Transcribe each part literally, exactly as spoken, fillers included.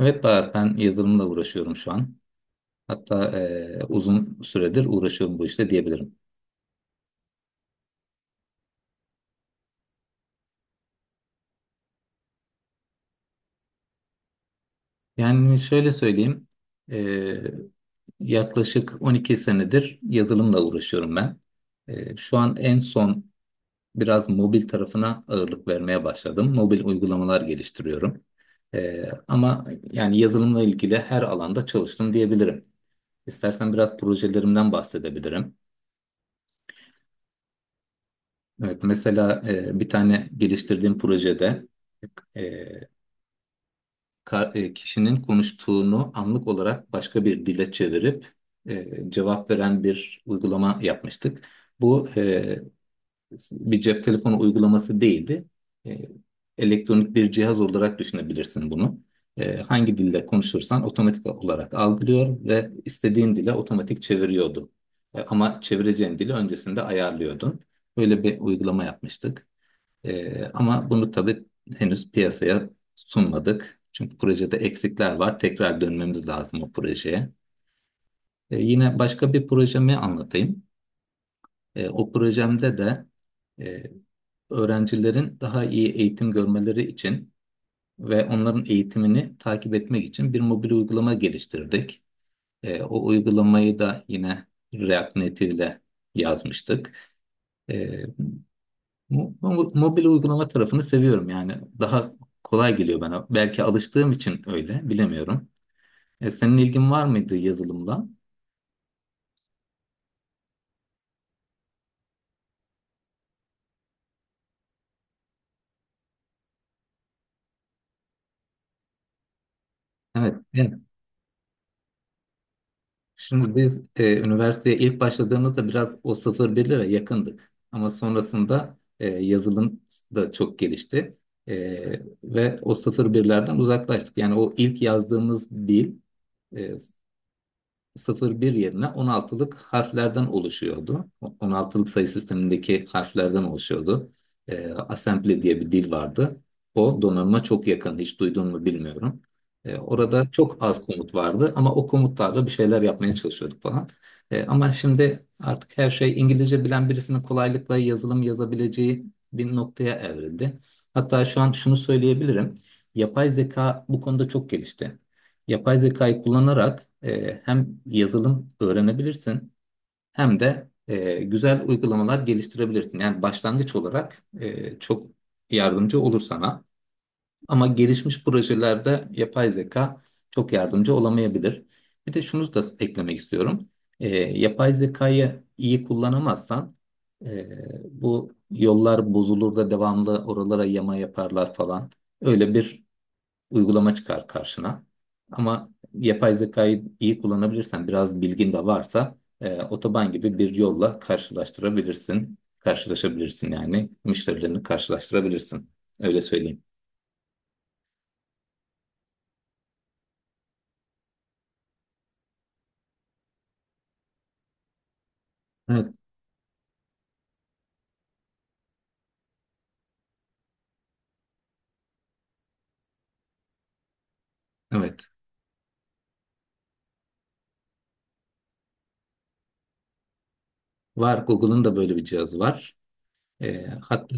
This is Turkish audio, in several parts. Evet Bahar, ben yazılımla uğraşıyorum şu an. Hatta e, uzun süredir uğraşıyorum bu işte diyebilirim. Yani şöyle söyleyeyim, e, yaklaşık on iki senedir yazılımla uğraşıyorum ben. E, şu an en son biraz mobil tarafına ağırlık vermeye başladım. Mobil uygulamalar geliştiriyorum. E, ama yani yazılımla ilgili her alanda çalıştım diyebilirim. İstersen biraz projelerimden bahsedebilirim. Evet, mesela e, bir tane geliştirdiğim projede e, ka- e, kişinin konuştuğunu anlık olarak başka bir dile çevirip e, cevap veren bir uygulama yapmıştık. Bu e, bir cep telefonu uygulaması değildi. E, Elektronik bir cihaz olarak düşünebilirsin bunu. E, hangi dille konuşursan otomatik olarak algılıyor ve istediğin dile otomatik çeviriyordu. E, ama çevireceğin dili öncesinde ayarlıyordun. Böyle bir uygulama yapmıştık. Ee, ama bunu tabii henüz piyasaya sunmadık. Çünkü projede eksikler var. Tekrar dönmemiz lazım o projeye. Ee, yine başka bir projemi anlatayım. Ee, o projemde de e, öğrencilerin daha iyi eğitim görmeleri için ve onların eğitimini takip etmek için bir mobil uygulama geliştirdik. E, o uygulamayı da yine React Native ile yazmıştık. Ee, Mo- mo- Mobil uygulama tarafını seviyorum yani. Daha kolay geliyor bana. Belki alıştığım için öyle, bilemiyorum. E, senin ilgin var mıydı yazılımla? Evet. Evet. Şimdi biz e, üniversiteye ilk başladığımızda biraz o sıfır bir lira yakındık. Ama sonrasında e, yazılım da çok gelişti. E, ve o sıfır birlerden uzaklaştık. Yani o ilk yazdığımız dil e, Sıfır bir yerine on altılık harflerden oluşuyordu. O- on altılık sayı sistemindeki harflerden oluşuyordu. Ee, assembly diye bir dil vardı. O donanıma çok yakın. Hiç duydun mu bilmiyorum. Ee, orada çok az komut vardı ama o komutlarla bir şeyler yapmaya çalışıyorduk falan. Ee, ama şimdi artık her şey İngilizce bilen birisinin kolaylıkla yazılım yazabileceği bir noktaya evrildi. Hatta şu an şunu söyleyebilirim. Yapay zeka bu konuda çok gelişti. Yapay zekayı kullanarak e, hem yazılım öğrenebilirsin hem de e, güzel uygulamalar geliştirebilirsin. Yani başlangıç olarak e, çok yardımcı olur sana. Ama gelişmiş projelerde yapay zeka çok yardımcı olamayabilir. Bir de şunu da eklemek istiyorum. E, yapay zekayı iyi kullanamazsan e, bu yollar bozulur da devamlı oralara yama yaparlar falan. Öyle bir uygulama çıkar karşına. Ama yapay zekayı iyi kullanabilirsen, biraz bilgin de varsa e, otoban gibi bir yolla karşılaştırabilirsin. Karşılaşabilirsin yani müşterilerini karşılaştırabilirsin. Öyle söyleyeyim. Evet. Evet. Var. Google'ın da böyle bir cihazı var. E, hatta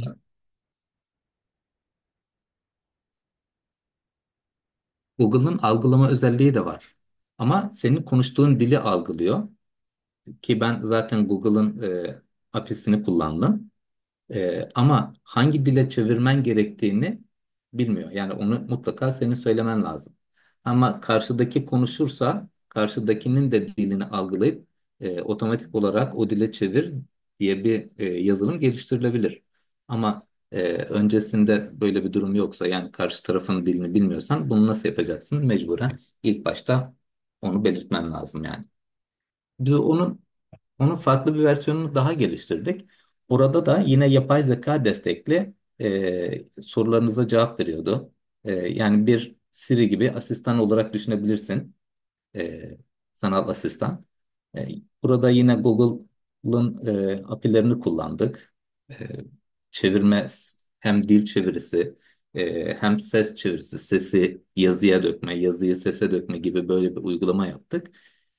Google'ın algılama özelliği de var. Ama senin konuştuğun dili algılıyor. Ki ben zaten Google'ın e, A P I'sini kullandım. Ee, ama hangi dile çevirmen gerektiğini bilmiyor. Yani onu mutlaka senin söylemen lazım. Ama karşıdaki konuşursa karşıdakinin de dilini algılayıp e, otomatik olarak o dile çevir diye bir e, yazılım geliştirilebilir. Ama e, öncesinde böyle bir durum yoksa yani karşı tarafın dilini bilmiyorsan bunu nasıl yapacaksın? Mecburen ilk başta onu belirtmen lazım yani. Biz onu Onun farklı bir versiyonunu daha geliştirdik. Orada da yine yapay zeka destekli e, sorularınıza cevap veriyordu. E, yani bir Siri gibi asistan olarak düşünebilirsin e, sanal asistan. E, Burada yine Google'ın e, A P I'lerini kullandık. E, Çevirme hem dil çevirisi e, hem ses çevirisi, sesi yazıya dökme, yazıyı sese dökme gibi böyle bir uygulama yaptık.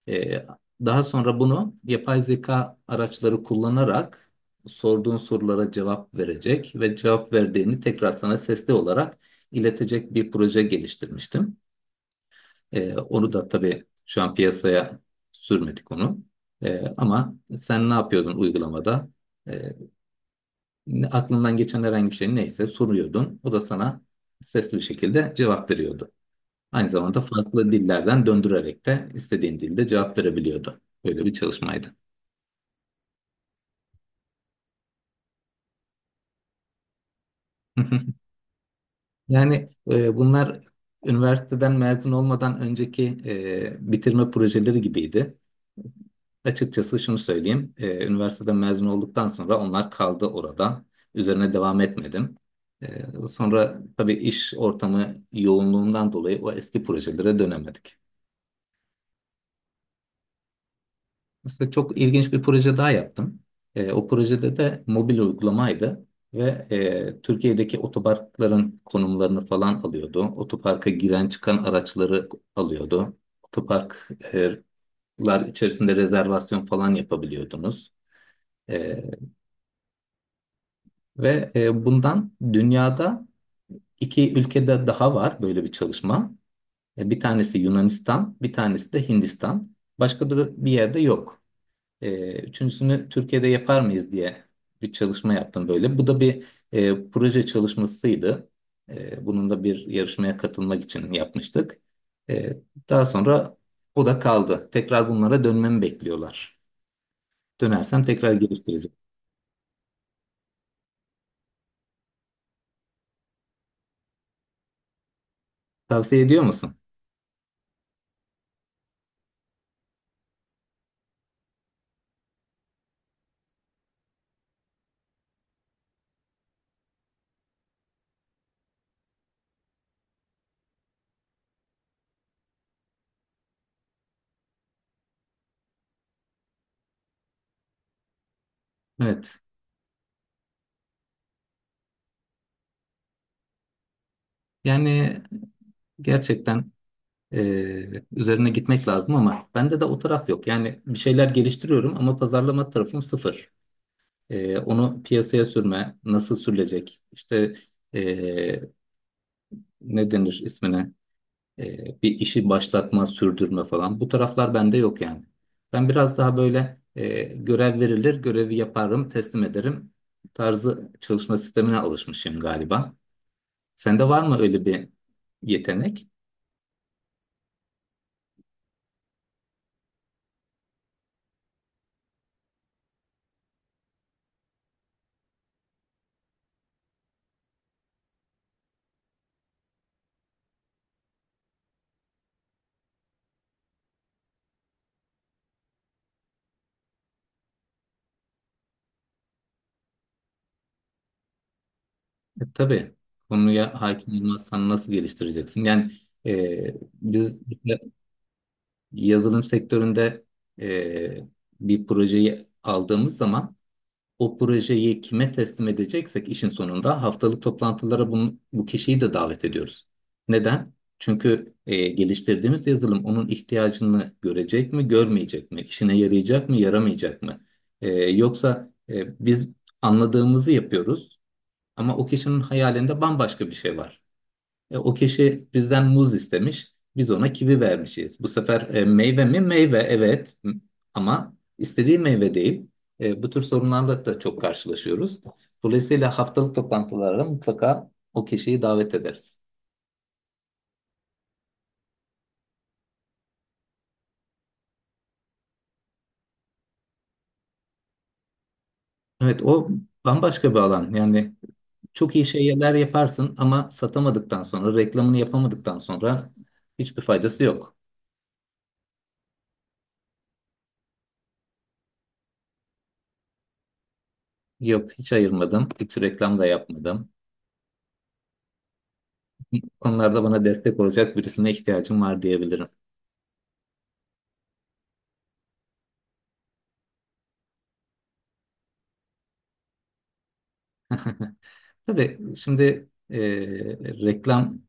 E, Daha sonra bunu yapay zeka araçları kullanarak sorduğun sorulara cevap verecek ve cevap verdiğini tekrar sana sesli olarak iletecek bir proje geliştirmiştim. Ee, onu da tabii şu an piyasaya sürmedik onu. Ee, ama sen ne yapıyordun uygulamada? Ee, ne- Aklından geçen herhangi bir şey neyse soruyordun. O da sana sesli bir şekilde cevap veriyordu. Aynı zamanda farklı dillerden döndürerek de istediğin dilde cevap verebiliyordu. Böyle bir çalışmaydı. Yani e, bunlar üniversiteden mezun olmadan önceki e, bitirme projeleri gibiydi. Açıkçası şunu söyleyeyim. Ee, üniversiteden mezun olduktan sonra onlar kaldı orada. Üzerine devam etmedim. Ee, sonra tabii iş ortamı yoğunluğundan dolayı o eski projelere dönemedik. Mesela çok ilginç bir proje daha yaptım. Ee, o projede de mobil uygulamaydı ve e, Türkiye'deki otoparkların konumlarını falan alıyordu. Otoparka giren çıkan araçları alıyordu. Otoparklar içerisinde rezervasyon falan yapabiliyordunuz. E, Ve e, bundan dünyada iki ülkede daha var böyle bir çalışma. E, bir tanesi Yunanistan, bir tanesi de Hindistan. Başka da bir yerde yok. E, üçüncüsünü Türkiye'de yapar mıyız diye bir çalışma yaptım böyle. Bu da bir e, proje çalışmasıydı. E, bunun da bir yarışmaya katılmak için yapmıştık. E, Daha sonra o da kaldı. Tekrar bunlara dönmemi bekliyorlar. Dönersem tekrar geliştireceğim. Tavsiye ediyor musun? Evet. Yani gerçekten Ee, üzerine gitmek lazım ama bende de o taraf yok. Yani bir şeyler geliştiriyorum ama pazarlama tarafım sıfır. Ee, onu piyasaya sürme, nasıl sürülecek, işte ee, ne denir ismine, Ee, bir işi başlatma, sürdürme falan. Bu taraflar bende yok yani. Ben biraz daha böyle ee, görev verilir, görevi yaparım, teslim ederim tarzı çalışma sistemine alışmışım galiba. Sende var mı öyle bir yetenek? E, tabii konuya hakim olmazsan nasıl geliştireceksin? Yani e, biz işte yazılım sektöründe e, bir projeyi aldığımız zaman o projeyi kime teslim edeceksek işin sonunda haftalık toplantılara bunu, bu kişiyi de davet ediyoruz. Neden? Çünkü e, geliştirdiğimiz yazılım onun ihtiyacını görecek mi, görmeyecek mi? İşine yarayacak mı, yaramayacak mı? E, yoksa e, biz anladığımızı yapıyoruz. Ama o kişinin hayalinde bambaşka bir şey var. E, o kişi bizden muz istemiş, biz ona kivi vermişiz. Bu sefer e, meyve mi? Meyve, evet. M- Ama istediği meyve değil. E, bu tür sorunlarla da çok karşılaşıyoruz. Dolayısıyla haftalık toplantılara mutlaka o kişiyi davet ederiz. Evet, o bambaşka bir alan. Yani çok iyi şeyler yaparsın ama satamadıktan sonra, reklamını yapamadıktan sonra hiçbir faydası yok. Yok, hiç ayırmadım, hiç reklam da yapmadım. Konularda bana destek olacak birisine ihtiyacım var diyebilirim. Tabii şimdi e, reklam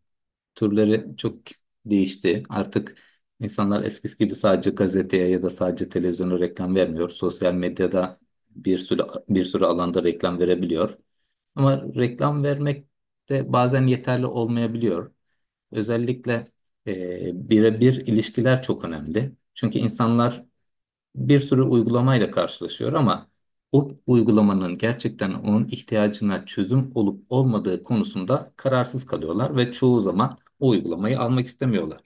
türleri çok değişti. Artık insanlar eskisi gibi sadece gazeteye ya da sadece televizyona reklam vermiyor. Sosyal medyada bir sürü bir sürü alanda reklam verebiliyor. Ama reklam vermek de bazen yeterli olmayabiliyor. Özellikle e, birebir ilişkiler çok önemli. Çünkü insanlar bir sürü uygulamayla karşılaşıyor ama o uygulamanın gerçekten onun ihtiyacına çözüm olup olmadığı konusunda kararsız kalıyorlar ve çoğu zaman o uygulamayı almak istemiyorlar.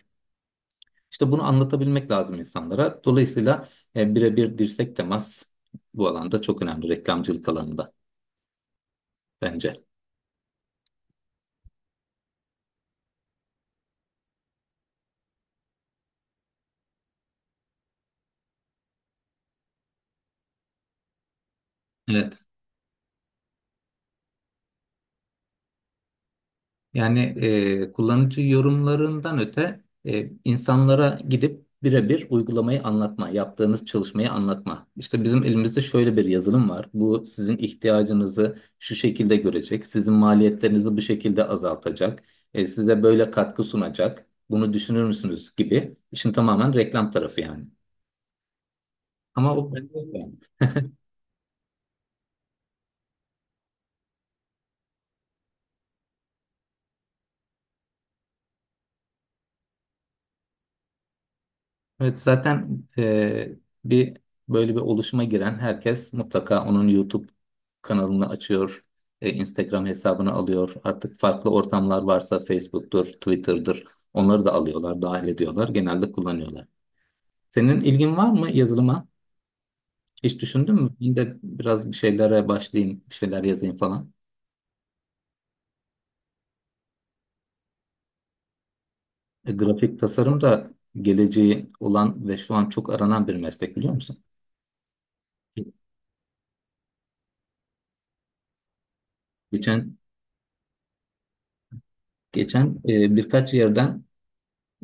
İşte bunu anlatabilmek lazım insanlara. Dolayısıyla e, birebir dirsek temas bu alanda çok önemli reklamcılık alanında bence. Evet. Yani e, kullanıcı yorumlarından öte e, insanlara gidip birebir uygulamayı anlatma, yaptığınız çalışmayı anlatma. İşte bizim elimizde şöyle bir yazılım var. Bu sizin ihtiyacınızı şu şekilde görecek, sizin maliyetlerinizi bu şekilde azaltacak, e, size böyle katkı sunacak. Bunu düşünür müsünüz gibi. İşin tamamen reklam tarafı yani. Ama o bence Evet zaten e, bir böyle bir oluşuma giren herkes mutlaka onun YouTube kanalını açıyor, e, Instagram hesabını alıyor. Artık farklı ortamlar varsa Facebook'tur, Twitter'dır. Onları da alıyorlar, dahil ediyorlar, genelde kullanıyorlar. Senin ilgin var mı yazılıma? Hiç düşündün mü? Ben de biraz bir şeylere başlayayım, bir şeyler yazayım falan. E, grafik tasarım da geleceği olan ve şu an çok aranan bir meslek biliyor musun? Geçen geçen e, birkaç yerden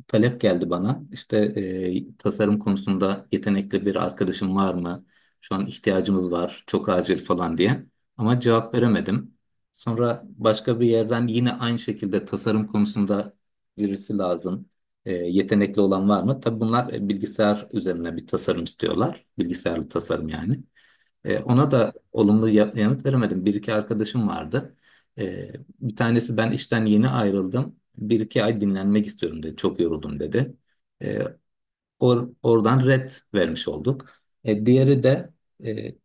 talep geldi bana. İşte e, tasarım konusunda yetenekli bir arkadaşım var mı? Şu an ihtiyacımız var, çok acil falan diye. Ama cevap veremedim. Sonra başka bir yerden yine aynı şekilde tasarım konusunda birisi lazım. E, yetenekli olan var mı? Tabii bunlar e, bilgisayar üzerine bir tasarım istiyorlar. Bilgisayarlı tasarım yani. E, ona da olumlu ya- yanıt veremedim. Bir iki arkadaşım vardı. E, Bir tanesi ben işten yeni ayrıldım. Bir iki ay dinlenmek istiyorum dedi. Çok yoruldum dedi. E, or- Oradan red vermiş olduk. E, diğeri de e,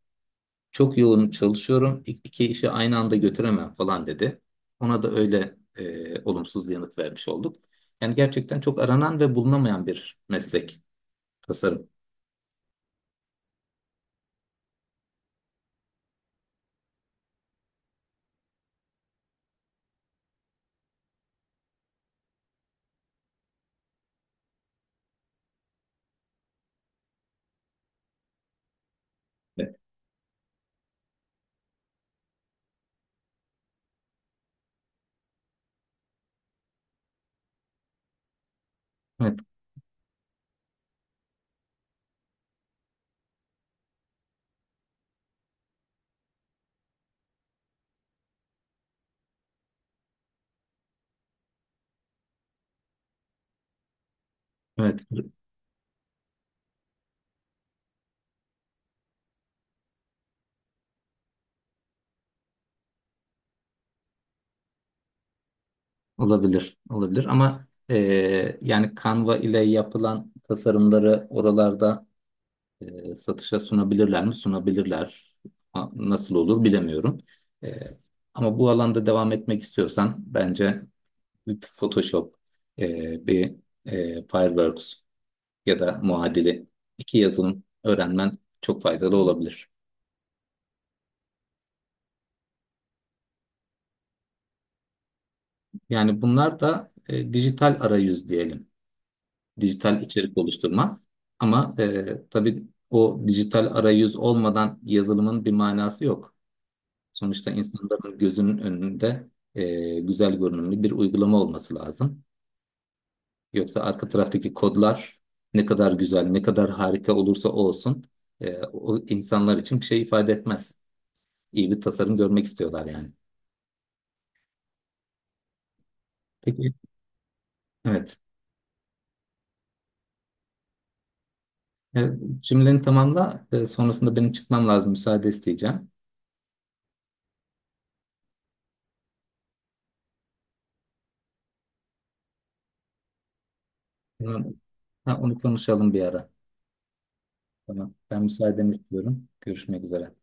çok yoğun çalışıyorum. İ- İki işi aynı anda götüremem falan dedi. Ona da öyle e, olumsuz yanıt vermiş olduk. Yani gerçekten çok aranan ve bulunamayan bir meslek tasarım. Evet, evet. Olabilir, olabilir ama eee, yani Canva ile yapılan tasarımları oralarda eee, satışa sunabilirler mi? Sunabilirler. A- Nasıl olur bilemiyorum. Eee, ama bu alanda devam etmek istiyorsan bence bir Photoshop, eee, bir eee, Fireworks ya da muadili iki yazılım öğrenmen çok faydalı olabilir. Yani bunlar da eee, dijital arayüz diyelim. Dijital içerik oluşturma. Ama e, tabii o dijital arayüz olmadan yazılımın bir manası yok. Sonuçta insanların gözünün önünde e, güzel görünümlü bir uygulama olması lazım. Yoksa arka taraftaki kodlar ne kadar güzel, ne kadar harika olursa olsun e, o insanlar için bir şey ifade etmez. İyi bir tasarım görmek istiyorlar yani. Peki, evet. E, Cümleni tamamla. E, sonrasında benim çıkmam lazım. Müsaade isteyeceğim. Tamam. Ha, onu konuşalım bir ara. Tamam. Ben müsaadeni istiyorum. Görüşmek üzere.